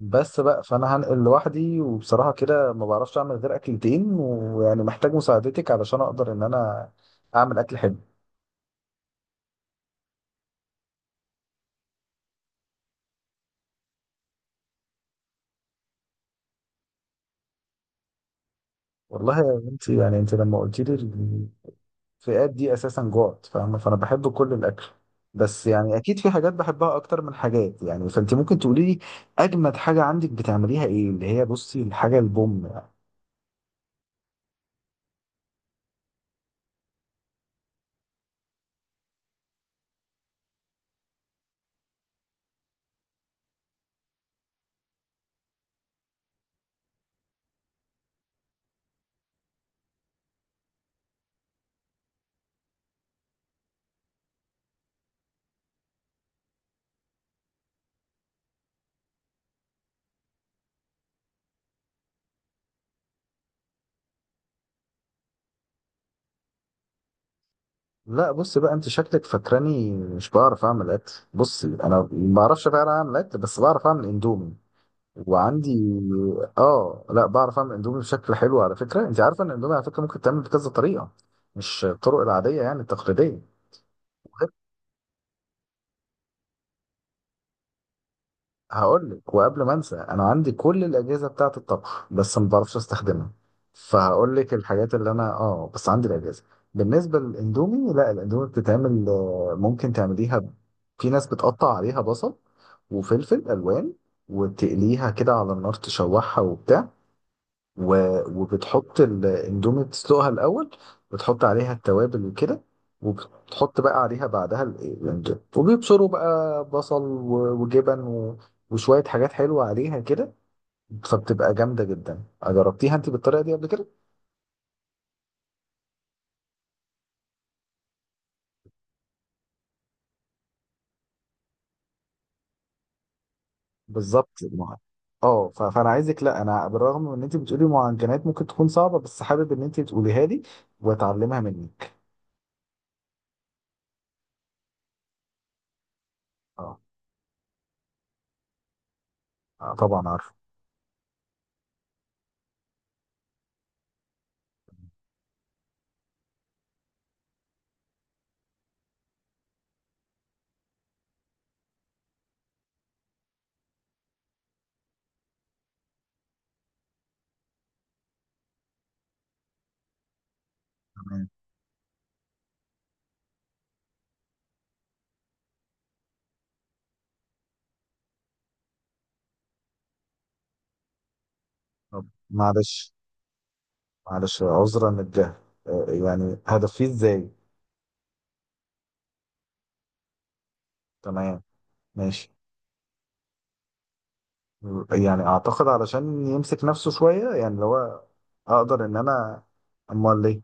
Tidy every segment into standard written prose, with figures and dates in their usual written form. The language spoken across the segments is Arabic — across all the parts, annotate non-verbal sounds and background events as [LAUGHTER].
بس بقى فانا هنقل لوحدي، وبصراحه كده ما بعرفش اعمل غير اكلتين، ويعني محتاج مساعدتك علشان اقدر ان انا اعمل اكل حلو. والله يا بنتي، يعني انت لما قلت لي الفئات دي اساسا جوعت، فاهمه؟ فانا بحب كل الاكل، بس يعني اكيد في حاجات بحبها اكتر من حاجات، يعني فانت ممكن تقولي لي اجمد حاجه عندك بتعمليها ايه؟ اللي هي بصي الحاجه البوم يعني. لا، بصي بقى، انت شكلك فاكراني مش بعرف اعمل اكل. بصي، انا ما بعرفش فعلا اعمل اكل، بس بعرف اعمل اندومي. وعندي اه لا، بعرف اعمل اندومي بشكل حلو على فكره. انت عارفه ان الاندومي على فكره ممكن تعمل بكذا طريقه، مش الطرق العاديه يعني التقليديه. وغير- هقول لك، وقبل ما انسى، انا عندي كل الاجهزه بتاعه الطبخ، بس ما بعرفش استخدمها. فهقول لك الحاجات اللي انا، بس عندي الاجهزه. بالنسبه للاندومي، لا، الاندومي بتتعمل، ممكن تعمليها في ناس بتقطع عليها بصل وفلفل الوان، وتقليها كده على النار، تشوحها وبتاع، و... وبتحط الاندومي، تسلقها الاول، بتحط عليها التوابل وكده، وبتحط بقى عليها بعدها الاندومي، وبيبشروا بقى بصل وجبن وشوية حاجات حلوة عليها كده. فبتبقى جامدة جدا. جربتيها انت بالطريقة دي قبل كده؟ بالظبط. فانا عايزك، لا، انا بالرغم من ان انت بتقولي معجنات ممكن تكون صعبة، بس حابب ان انت تقوليها لي واتعلمها منك. اه، طبعا عارفه. تمام. طب معلش، عذرا للجهل. يعني هدفيه ازاي؟ تمام، ماشي. يعني اعتقد علشان يمسك نفسه شويه، يعني اللي هو اقدر ان انا. امال ليه؟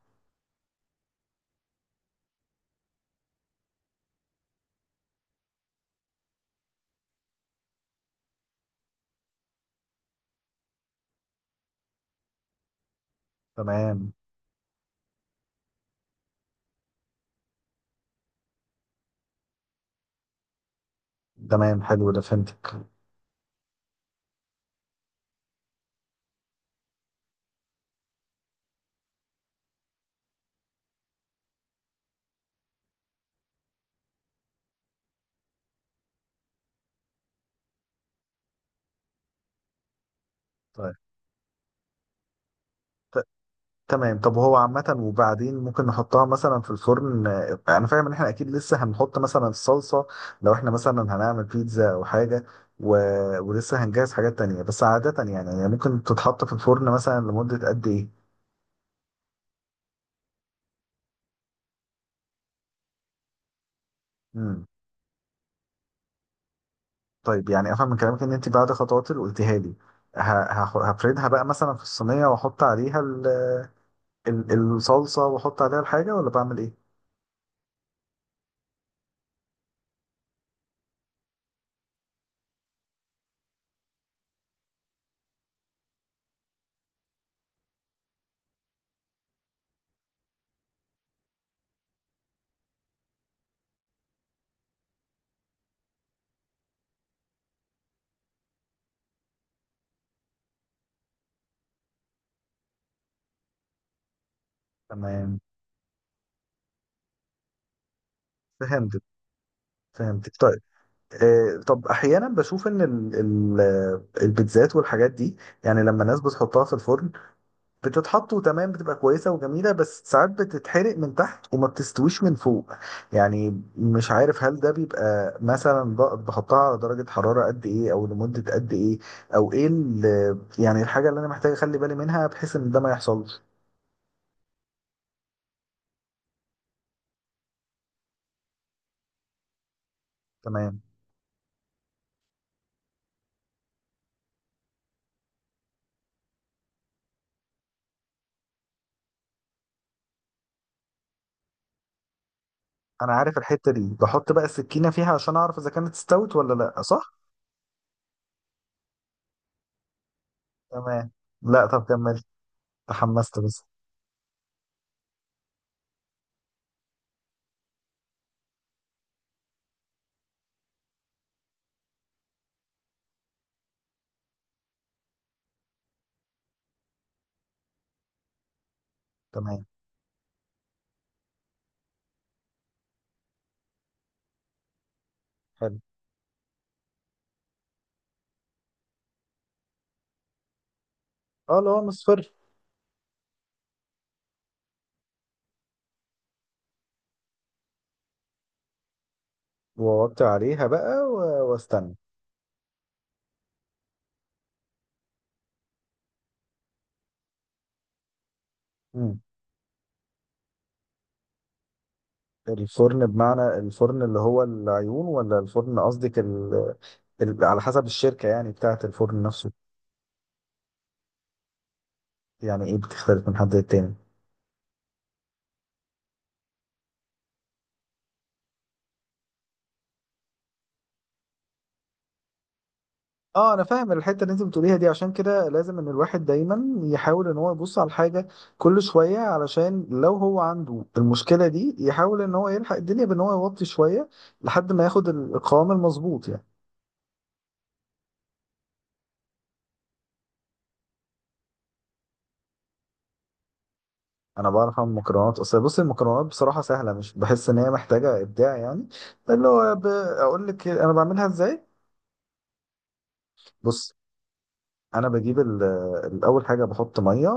تمام. تمام، حلو، ده فهمتك. طيب، ت- تمام. طب هو عامة، وبعدين ممكن نحطها مثلا في الفرن. انا فاهم ان احنا اكيد لسه هنحط مثلا الصلصة لو احنا مثلا هنعمل بيتزا او حاجة، و... ولسه هنجهز حاجات تانية. بس عادة يعني ممكن تتحط في الفرن مثلا لمدة قد ايه؟ مم. طيب، يعني افهم من كلامك ان انت بعد خطوات اللي قلتيها لي ه- هفردها بقى مثلا في الصينيه، واحط عليها ال- الصلصه، واحط عليها الحاجه، ولا بعمل ايه؟ تمام. فهمت، فهمت، طيب. طب احيانا بشوف ان ال- البيتزات والحاجات دي، يعني لما الناس بتحطها في الفرن بتتحط وتمام، بتبقى كويسة وجميلة، بس ساعات بتتحرق من تحت وما بتستويش من فوق يعني. مش عارف هل ده بيبقى مثلا بحطها على درجة حرارة قد ايه، او لمدة قد ايه، او ايه يعني الحاجة اللي انا محتاج اخلي بالي منها بحيث ان ده ما يحصلش. تمام. انا عارف الحتة دي، بحط بقى السكينة فيها عشان اعرف اذا كانت استوت ولا لا، صح؟ تمام. لا، طب كمل، تحمست بس. تمام، حلو. اه، اللي هو مصفر. ووطي عليها بقى واستنى. مم. الفرن بمعنى الفرن اللي هو العيون، ولا الفرن قصدك على حسب الشركة يعني بتاعة الفرن نفسه؟ يعني ايه بتختلف من حد للتاني؟ اه، انا فاهم الحتة اللي انت بتقوليها دي. عشان كده لازم ان الواحد دايما يحاول ان هو يبص على الحاجة كل شوية، علشان لو هو عنده المشكلة دي يحاول ان هو يلحق الدنيا بان هو يوطي شوية لحد ما ياخد القوام المظبوط يعني. انا بعرف اعمل مكرونات. اصل بص المكرونات بصراحة سهلة، مش بحس ان هي محتاجة ابداع يعني. اللي هو اقول لك انا بعملها ازاي. بص، انا بجيب الاول حاجه بحط ميه،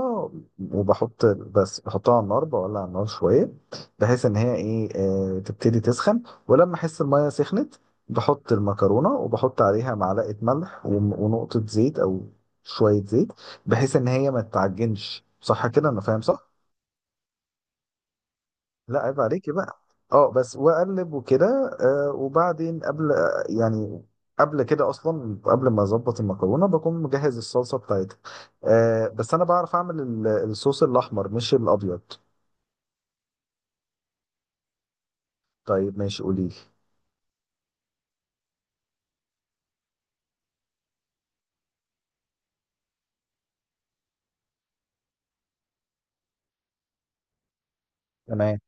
بس بحطها على النار، بولع النار شويه بحيث ان هي ايه، تبتدي تسخن. ولما احس الميه سخنت، بحط المكرونه، وبحط عليها معلقه ملح ونقطه زيت او شويه زيت، بحيث ان هي ما تتعجنش. صح كده؟ انا فاهم صح؟ لا عيب عليكي بقى. اه بس، واقلب وكده. وبعدين قبل، يعني قبل كده اصلا، قبل ما اظبط المكرونه بكون مجهز الصلصه بتاعتها. بس انا بعرف اعمل الصوص الاحمر مش الابيض. طيب ماشي، قوليلي. تمام،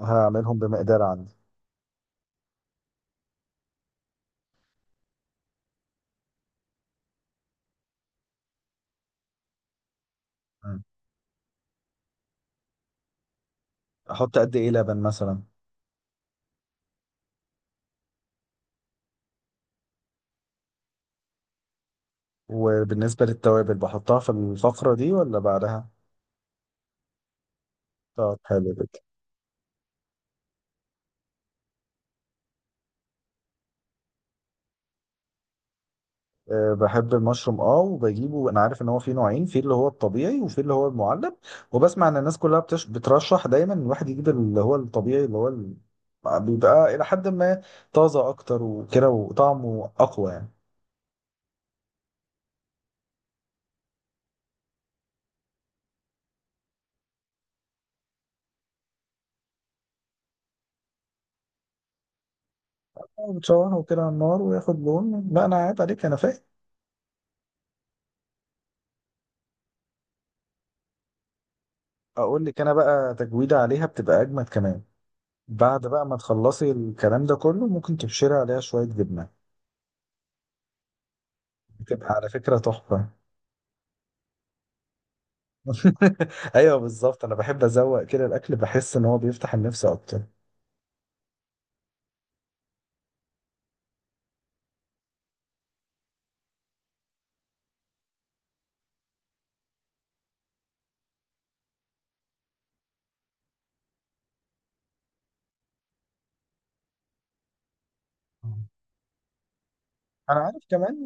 هعملهم بمقدار عندي. مم. احط قد ايه لبن مثلا؟ وبالنسبه للتوابل بحطها في الفقره دي ولا بعدها؟ طب حلو. أه، بحب المشروم، وبجيبه. انا عارف ان هو فيه نوعين، في اللي هو الطبيعي وفي اللي هو المعلب. وبسمع ان الناس كلها بترشح دايما إن الواحد يجيب اللي هو الطبيعي، اللي هو بيبقى الى حد ما طازه اكتر وكده، وطعمه اقوى يعني. بتشوحه كده على النار وياخد لون. لا، انا عيب عليك، انا فاهم. اقول لك انا بقى، تجويده عليها بتبقى اجمد كمان. بعد بقى ما تخلصي الكلام ده كله، ممكن تبشري عليها شويه جبنه، بتبقى على فكره تحفه. [LAUGHS] ايوه بالظبط، انا بحب ازوق كده الاكل، بحس ان هو بيفتح النفس اكتر. انا عارف كمان.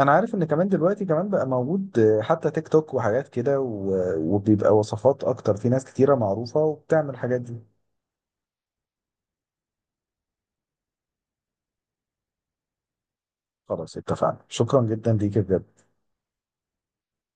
انا عارف ان كمان دلوقتي كمان بقى موجود حتى تيك توك وحاجات كده، وبيبقى وصفات اكتر، في ناس كتيرة معروفة وبتعمل الحاجات دي. خلاص اتفقنا، شكرا جدا ليك بجد.